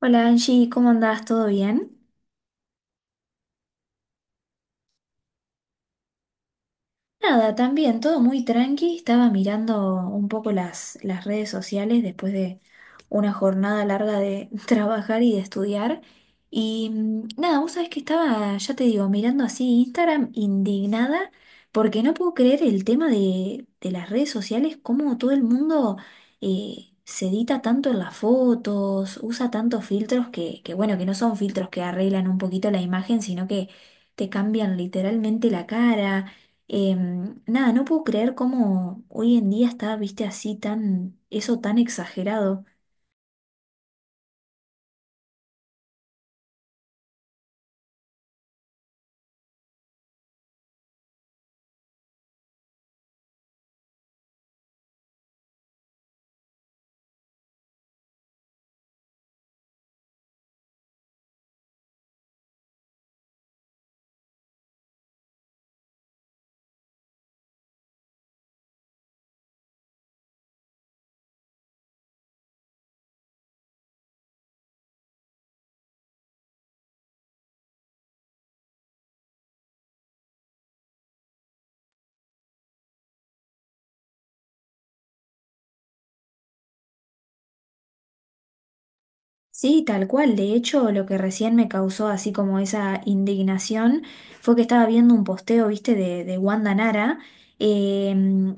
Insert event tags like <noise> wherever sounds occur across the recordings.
Hola Angie, ¿cómo andas? Todo bien. Nada, también todo muy tranqui. Estaba mirando un poco las redes sociales después de una jornada larga de <laughs> trabajar y de estudiar. Y nada, vos sabés que estaba, ya te digo, mirando así Instagram indignada porque no puedo creer el tema de las redes sociales, cómo todo el mundo se edita tanto en las fotos, usa tantos filtros que bueno, que no son filtros que arreglan un poquito la imagen, sino que te cambian literalmente la cara. Nada, no puedo creer cómo hoy en día está, viste, así tan, eso tan exagerado. Sí, tal cual. De hecho, lo que recién me causó así como esa indignación fue que estaba viendo un posteo, viste, de Wanda Nara. eh,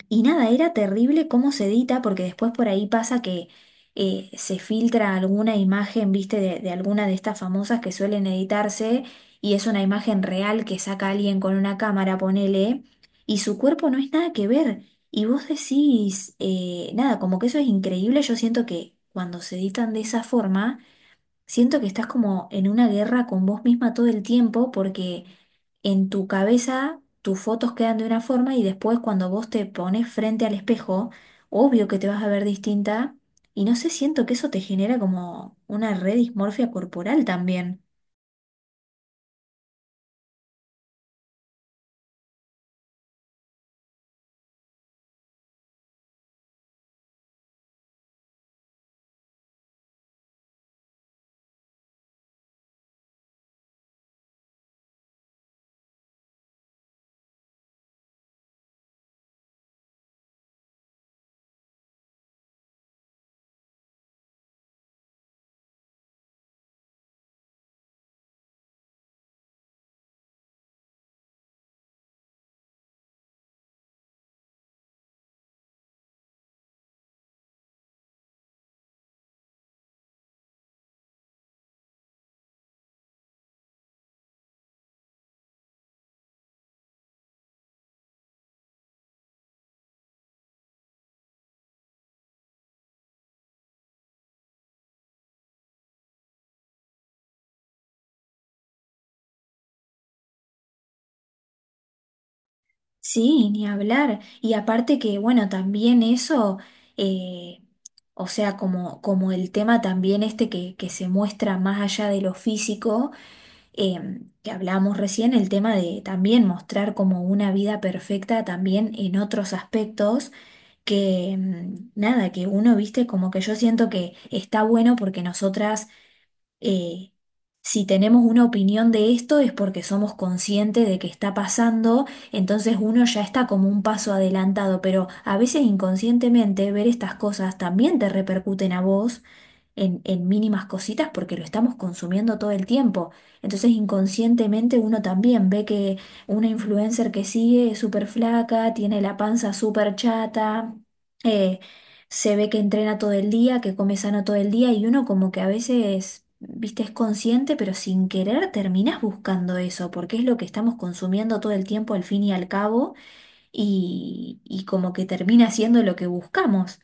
y nada, era terrible cómo se edita, porque después por ahí pasa que se filtra alguna imagen, viste, de alguna de estas famosas que suelen editarse, y es una imagen real que saca alguien con una cámara, ponele, y su cuerpo no es nada que ver. Y vos decís, nada, como que eso es increíble. Yo siento que cuando se editan de esa forma siento que estás como en una guerra con vos misma todo el tiempo porque en tu cabeza tus fotos quedan de una forma y después cuando vos te pones frente al espejo, obvio que te vas a ver distinta y no sé, siento que eso te genera como una redismorfia corporal también. Sí, ni hablar. Y aparte que, bueno, también eso, eh, o sea, como el tema también este que se muestra más allá de lo físico. Que hablábamos recién, el tema de también mostrar como una vida perfecta también en otros aspectos que nada, que uno, viste, como que yo siento que está bueno porque nosotras, eh, si tenemos una opinión de esto es porque somos conscientes de que está pasando, entonces uno ya está como un paso adelantado, pero a veces inconscientemente ver estas cosas también te repercuten a vos en mínimas cositas porque lo estamos consumiendo todo el tiempo. Entonces inconscientemente uno también ve que una influencer que sigue es súper flaca, tiene la panza súper chata, eh, se ve que entrena todo el día, que come sano todo el día y uno como que a veces... Viste, es consciente, pero sin querer terminás buscando eso, porque es lo que estamos consumiendo todo el tiempo al fin y al cabo, y como que termina siendo lo que buscamos.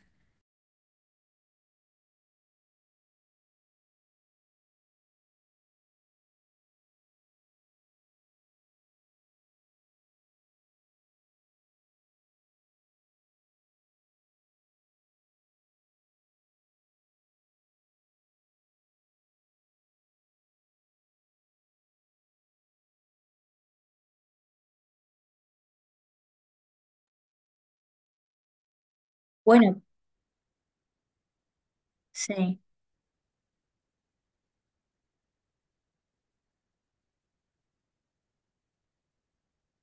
Bueno, sí.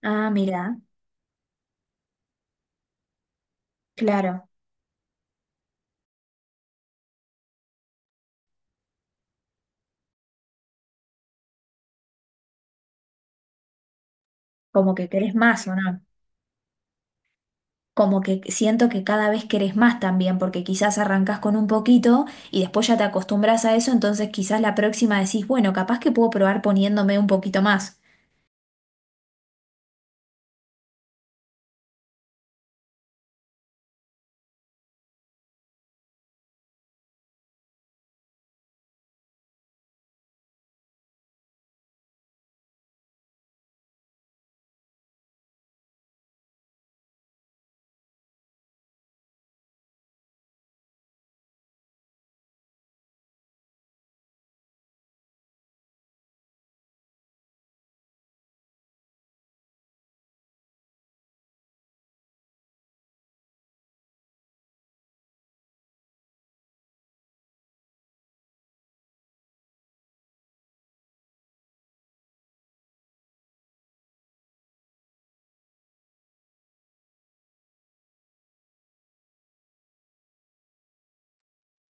Ah, mira, claro. ¿Como que querés más, o no? Como que siento que cada vez querés más también, porque quizás arrancás con un poquito y después ya te acostumbras a eso, entonces quizás la próxima decís, bueno, capaz que puedo probar poniéndome un poquito más.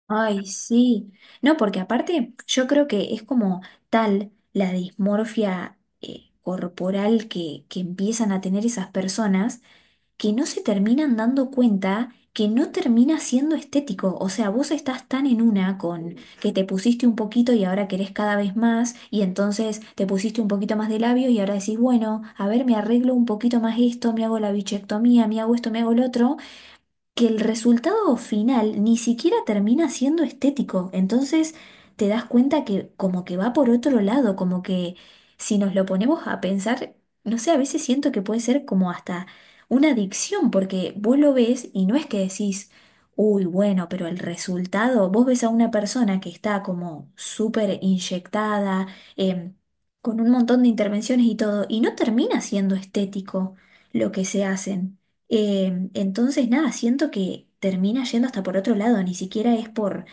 Ay, sí. No, porque aparte yo creo que es como tal la dismorfia corporal que empiezan a tener esas personas que no se terminan dando cuenta que no termina siendo estético. O sea, vos estás tan en una con que te pusiste un poquito y ahora querés cada vez más, y entonces te pusiste un poquito más de labios y ahora decís, bueno, a ver, me arreglo un poquito más esto, me hago la bichectomía, me hago esto, me hago lo otro, que el resultado final ni siquiera termina siendo estético. Entonces te das cuenta que como que va por otro lado, como que si nos lo ponemos a pensar, no sé, a veces siento que puede ser como hasta una adicción, porque vos lo ves y no es que decís, uy, bueno, pero el resultado, vos ves a una persona que está como súper inyectada, em, con un montón de intervenciones y todo, y no termina siendo estético lo que se hacen. Entonces, nada, siento que termina yendo hasta por otro lado, ni siquiera es por...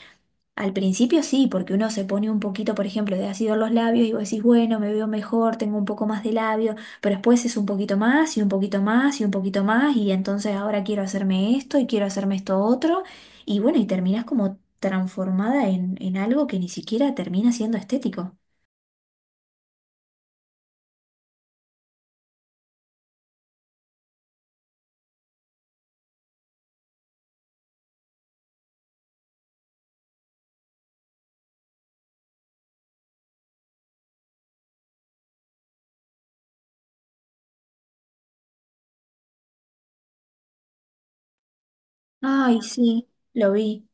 Al principio sí, porque uno se pone un poquito, por ejemplo, de ácido en los labios y vos decís, bueno, me veo mejor, tengo un poco más de labio, pero después es un poquito más y un poquito más y un poquito más y entonces ahora quiero hacerme esto y quiero hacerme esto otro y bueno, y terminás como transformada en algo que ni siquiera termina siendo estético. Ay, sí, lo vi.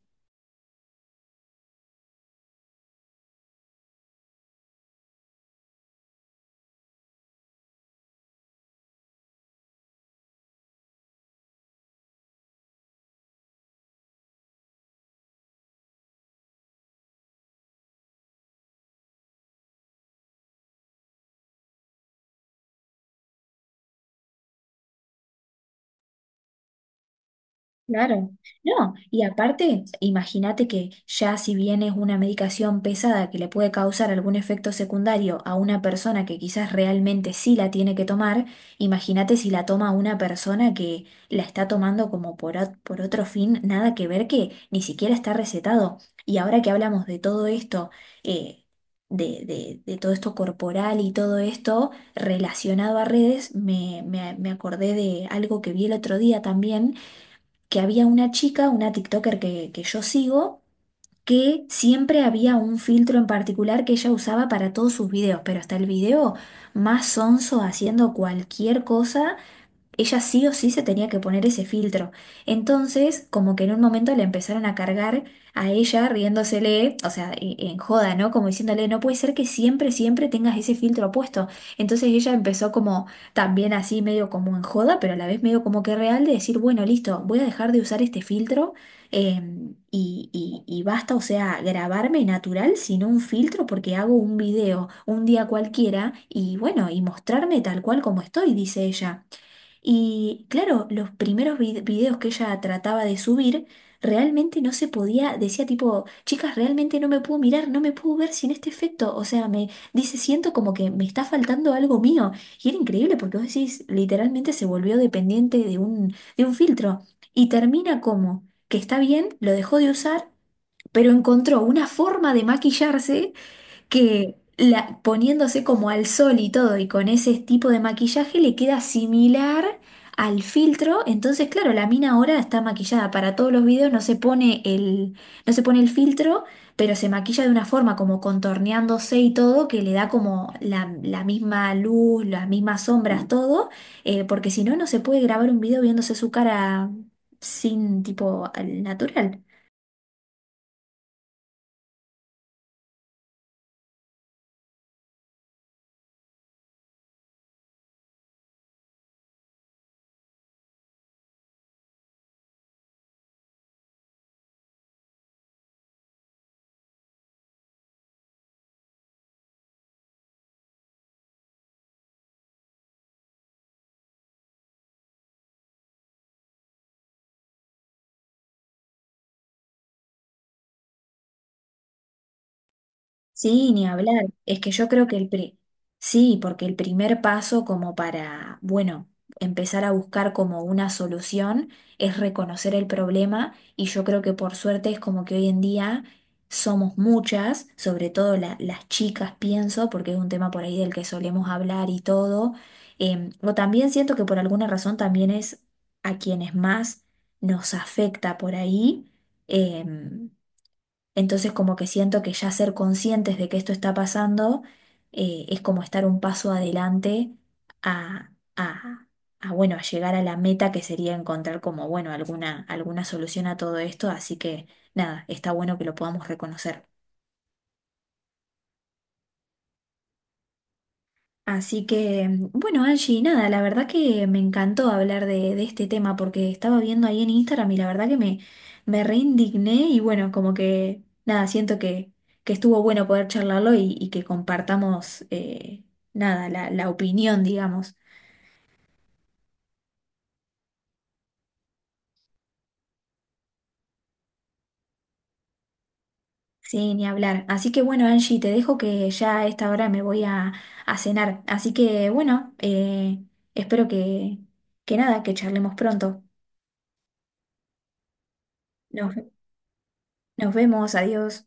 Claro, no, y aparte, imagínate que ya si bien es una medicación pesada que le puede causar algún efecto secundario a una persona que quizás realmente sí la tiene que tomar, imagínate si la toma una persona que la está tomando como por, por otro fin, nada que ver que ni siquiera está recetado. Y ahora que hablamos de todo esto, eh, de, de todo esto corporal y todo esto relacionado a redes, me acordé de algo que vi el otro día también que había una chica, una TikToker que yo sigo, que siempre había un filtro en particular que ella usaba para todos sus videos, pero hasta el video más sonso haciendo cualquier cosa ella sí o sí se tenía que poner ese filtro. Entonces, como que en un momento le empezaron a cargar a ella riéndosele, o sea, en joda, ¿no? Como diciéndole, no puede ser que siempre, siempre tengas ese filtro puesto. Entonces ella empezó como también así, medio como en joda, pero a la vez medio como que real de decir, bueno, listo, voy a dejar de usar este filtro eh, y basta, o sea, grabarme natural sin un filtro porque hago un video un día cualquiera y bueno, y mostrarme tal cual como estoy, dice ella. Y claro, los primeros videos que ella trataba de subir, realmente no se podía, decía tipo, chicas, realmente no me puedo mirar, no me puedo ver sin este efecto. O sea, me dice, siento como que me está faltando algo mío. Y era increíble porque vos decís, literalmente se volvió dependiente de un filtro. Y termina como que está bien, lo dejó de usar, pero encontró una forma de maquillarse que poniéndose como al sol y todo, y con ese tipo de maquillaje le queda similar al filtro. Entonces, claro, la mina ahora está maquillada para todos los videos, no se pone el filtro, pero se maquilla de una forma como contorneándose y todo, que le da como la misma luz, las mismas sombras, todo, porque si no, no se puede grabar un video viéndose su cara sin tipo al natural. Sí, ni hablar. Es que yo creo que el sí, porque el primer paso como para, bueno, empezar a buscar como una solución es reconocer el problema y yo creo que por suerte es como que hoy en día somos muchas, sobre todo las chicas, pienso, porque es un tema por ahí del que solemos hablar y todo. O también siento que por alguna razón también es a quienes más nos afecta por ahí. em, entonces como que siento que ya ser conscientes de que esto está pasando es como estar un paso adelante a, a, a, bueno, a llegar a la meta que sería encontrar como, bueno, alguna solución a todo esto. Así que nada, está bueno que lo podamos reconocer. Así que, bueno, Angie, nada, la verdad que me encantó hablar de este tema porque estaba viendo ahí en Instagram y la verdad que me reindigné y bueno, como que, nada, que estuvo bueno poder charlarlo y que compartamos, nada, la opinión, digamos. Sí, ni hablar. Así que bueno, Angie, te dejo que ya a esta hora me voy a cenar. Así que, bueno, espero que nada, que charlemos pronto. Nos, nos vemos, adiós.